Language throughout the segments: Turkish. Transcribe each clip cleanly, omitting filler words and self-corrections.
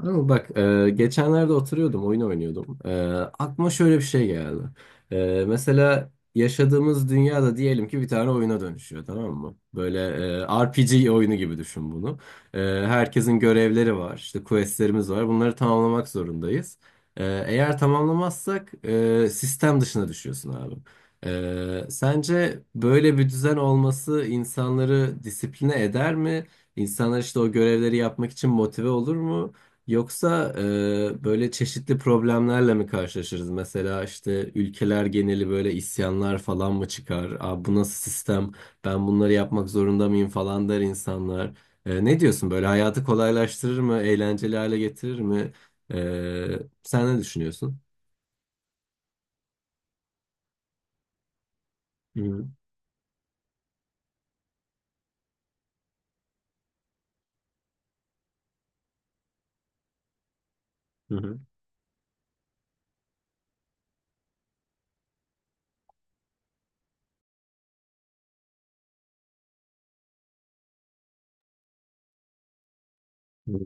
Ama bak geçenlerde oturuyordum oyun oynuyordum. Aklıma şöyle bir şey geldi. Mesela yaşadığımız dünyada diyelim ki bir tane oyuna dönüşüyor, tamam mı? Böyle RPG oyunu gibi düşün bunu. E, herkesin görevleri var, işte questlerimiz var, bunları tamamlamak zorundayız. Eğer tamamlamazsak sistem dışına düşüyorsun abi. Sence böyle bir düzen olması insanları disipline eder mi? İnsanlar işte o görevleri yapmak için motive olur mu? Yoksa böyle çeşitli problemlerle mi karşılaşırız? Mesela işte ülkeler geneli böyle isyanlar falan mı çıkar? Aa, bu nasıl sistem? Ben bunları yapmak zorunda mıyım falan der insanlar. Ne diyorsun, böyle hayatı kolaylaştırır mı? Eğlenceli hale getirir mi? Sen ne düşünüyorsun? Hı hı. Hı hı. Hı.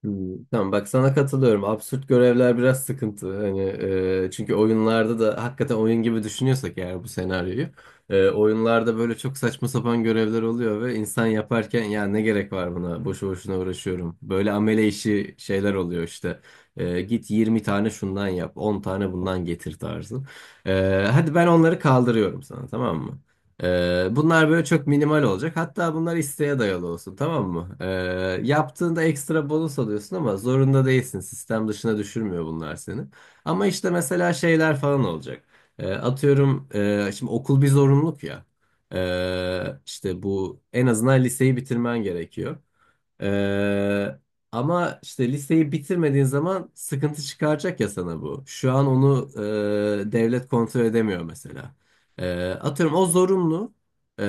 Hmm, tamam, bak sana katılıyorum. Absürt görevler biraz sıkıntı. Hani çünkü oyunlarda da hakikaten oyun gibi düşünüyorsak eğer bu senaryoyu, oyunlarda böyle çok saçma sapan görevler oluyor ve insan yaparken ya ne gerek var buna? Boşu boşuna uğraşıyorum. Böyle amele işi şeyler oluyor işte. Git 20 tane şundan yap, 10 tane bundan getir tarzı. Hadi ben onları kaldırıyorum sana, tamam mı? Bunlar böyle çok minimal olacak. Hatta bunlar isteğe dayalı olsun, tamam mı? Yaptığında ekstra bonus alıyorsun ama zorunda değilsin. Sistem dışına düşürmüyor bunlar seni. Ama işte mesela şeyler falan olacak. Atıyorum, şimdi okul bir zorunluluk ya. İşte bu, en azından liseyi bitirmen gerekiyor. Ee, ama işte listeyi bitirmediğin zaman sıkıntı çıkaracak ya sana bu. Şu an onu devlet kontrol edemiyor mesela. Atıyorum o zorunlu. Ee,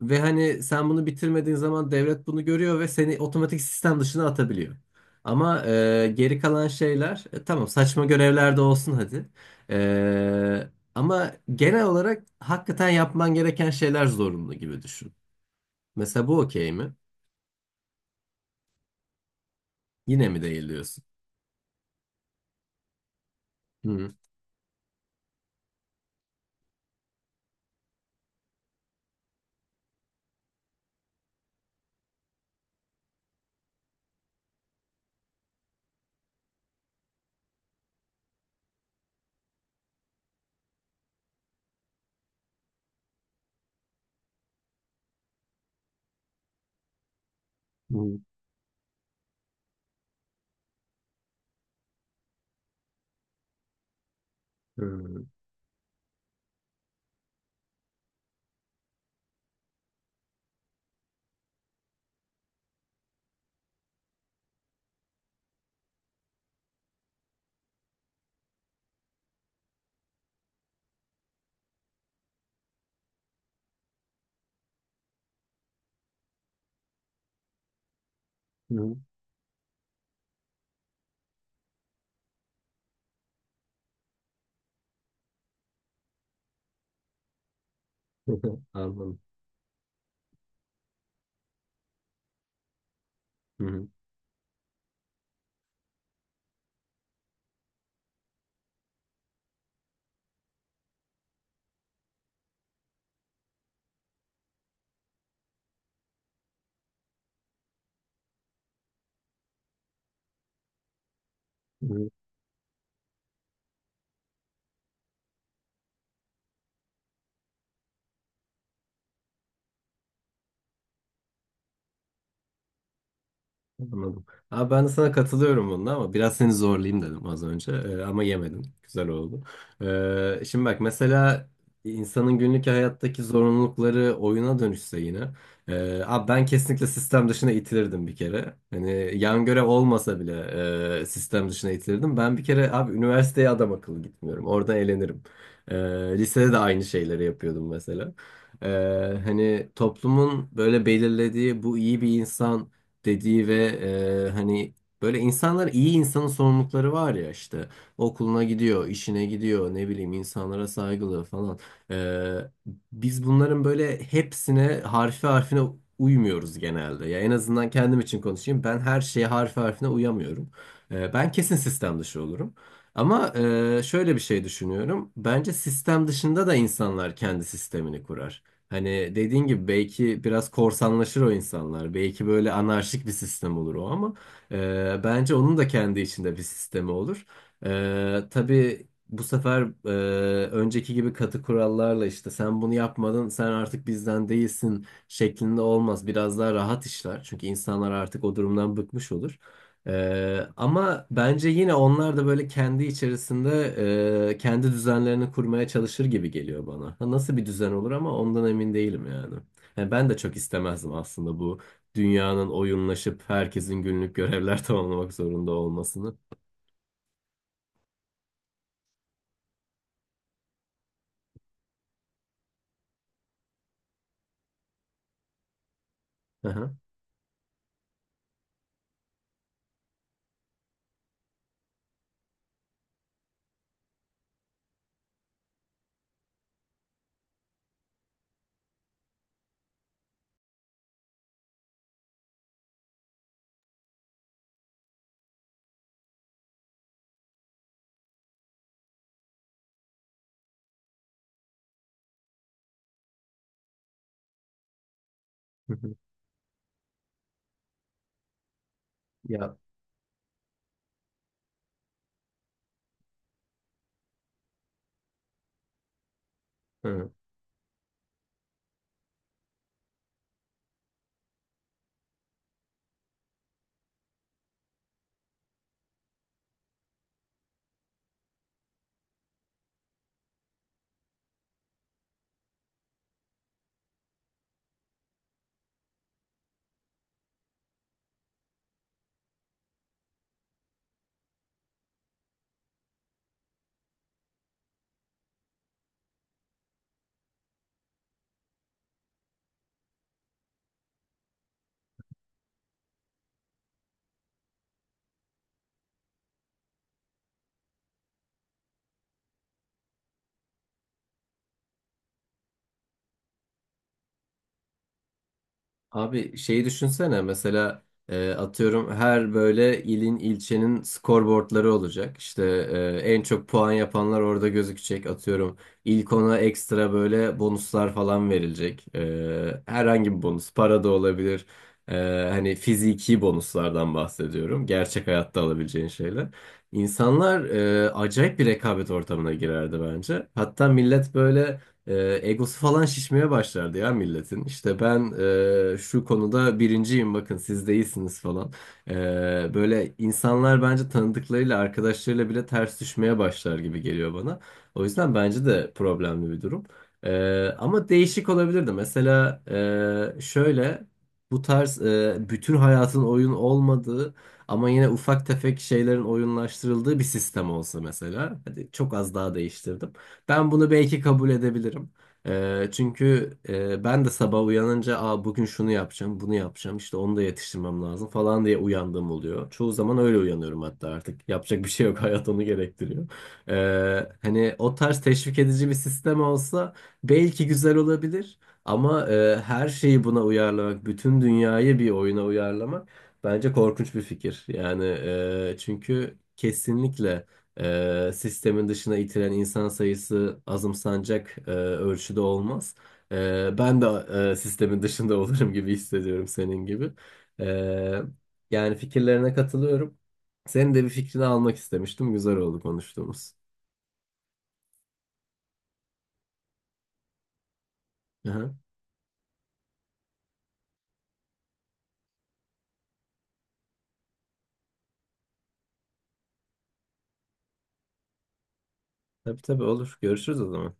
ve hani sen bunu bitirmediğin zaman devlet bunu görüyor ve seni otomatik sistem dışına atabiliyor. Ama geri kalan şeyler, tamam, saçma görevler de olsun hadi. Ee, ama genel olarak hakikaten yapman gereken şeyler zorunlu gibi düşün. Mesela bu okey mi? Yine mi değil diyorsun? Hı hı. Hı hı. Hı hı. Anladım. Hı hı. Hı. Anladım. Abi, ben de sana katılıyorum bunda ama biraz seni zorlayayım dedim az önce. Ama yemedin. Güzel oldu. Şimdi bak mesela, insanın günlük hayattaki zorunlulukları oyuna dönüşse yine. Abi ben kesinlikle sistem dışına itilirdim bir kere. Hani yan görev olmasa bile sistem dışına itilirdim. Ben bir kere abi üniversiteye adam akıllı gitmiyorum. Orada eğlenirim. Ee, lisede de aynı şeyleri yapıyordum mesela. Ee, hani toplumun böyle belirlediği bu iyi bir insan dediği ve hani böyle insanlar, iyi insanın sorumlulukları var ya, işte okuluna gidiyor, işine gidiyor, ne bileyim, insanlara saygılı falan. E, biz bunların böyle hepsine harfi harfine uymuyoruz genelde. Ya en azından kendim için konuşayım. Ben her şeye harfi harfine uyamıyorum. Ben kesin sistem dışı olurum. Ama şöyle bir şey düşünüyorum. Bence sistem dışında da insanlar kendi sistemini kurar. Hani dediğin gibi belki biraz korsanlaşır o insanlar. Belki böyle anarşik bir sistem olur o ama bence onun da kendi içinde bir sistemi olur. Tabii bu sefer önceki gibi katı kurallarla işte sen bunu yapmadın, sen artık bizden değilsin şeklinde olmaz. Biraz daha rahat işler. Çünkü insanlar artık o durumdan bıkmış olur. Ama bence yine onlar da böyle kendi içerisinde kendi düzenlerini kurmaya çalışır gibi geliyor bana. Ha, nasıl bir düzen olur ama ondan emin değilim yani. Yani ben de çok istemezdim aslında bu dünyanın oyunlaşıp herkesin günlük görevler tamamlamak zorunda olmasını. Aha. Hı hı. Ya. Hı. Abi, şeyi düşünsene mesela, atıyorum, her böyle ilin ilçenin skorboardları olacak. İşte en çok puan yapanlar orada gözükecek, atıyorum. İlk ona ekstra böyle bonuslar falan verilecek. Herhangi bir bonus, para da olabilir. E, hani fiziki bonuslardan bahsediyorum. Gerçek hayatta alabileceğin şeyler. İnsanlar acayip bir rekabet ortamına girerdi bence. Hatta millet böyle... E, egosu falan şişmeye başlardı ya milletin. İşte ben şu konuda birinciyim, bakın siz değilsiniz falan. E, böyle insanlar bence tanıdıklarıyla, arkadaşlarıyla bile ters düşmeye başlar gibi geliyor bana. O yüzden bence de problemli bir durum. Ama değişik olabilirdi. Mesela şöyle, bu tarz, bütün hayatın oyun olmadığı ama yine ufak tefek şeylerin oyunlaştırıldığı bir sistem olsa mesela. Hadi çok az daha değiştirdim. Ben bunu belki kabul edebilirim. Çünkü ben de sabah uyanınca, aa, bugün şunu yapacağım, bunu yapacağım, işte onu da yetiştirmem lazım falan diye uyandığım oluyor. Çoğu zaman öyle uyanıyorum hatta artık. Yapacak bir şey yok, hayat onu gerektiriyor. Hani o tarz teşvik edici bir sistem olsa belki güzel olabilir. Ama her şeyi buna uyarlamak, bütün dünyayı bir oyuna uyarlamak bence korkunç bir fikir. Yani çünkü kesinlikle... Sistemin dışına itilen insan sayısı azımsanacak ölçüde olmaz. Ben de sistemin dışında olurum gibi hissediyorum senin gibi. Eee, yani fikirlerine katılıyorum. Senin de bir fikrini almak istemiştim. Güzel oldu konuştuğumuz. Aha. Tabii tabii, olur. Görüşürüz o zaman.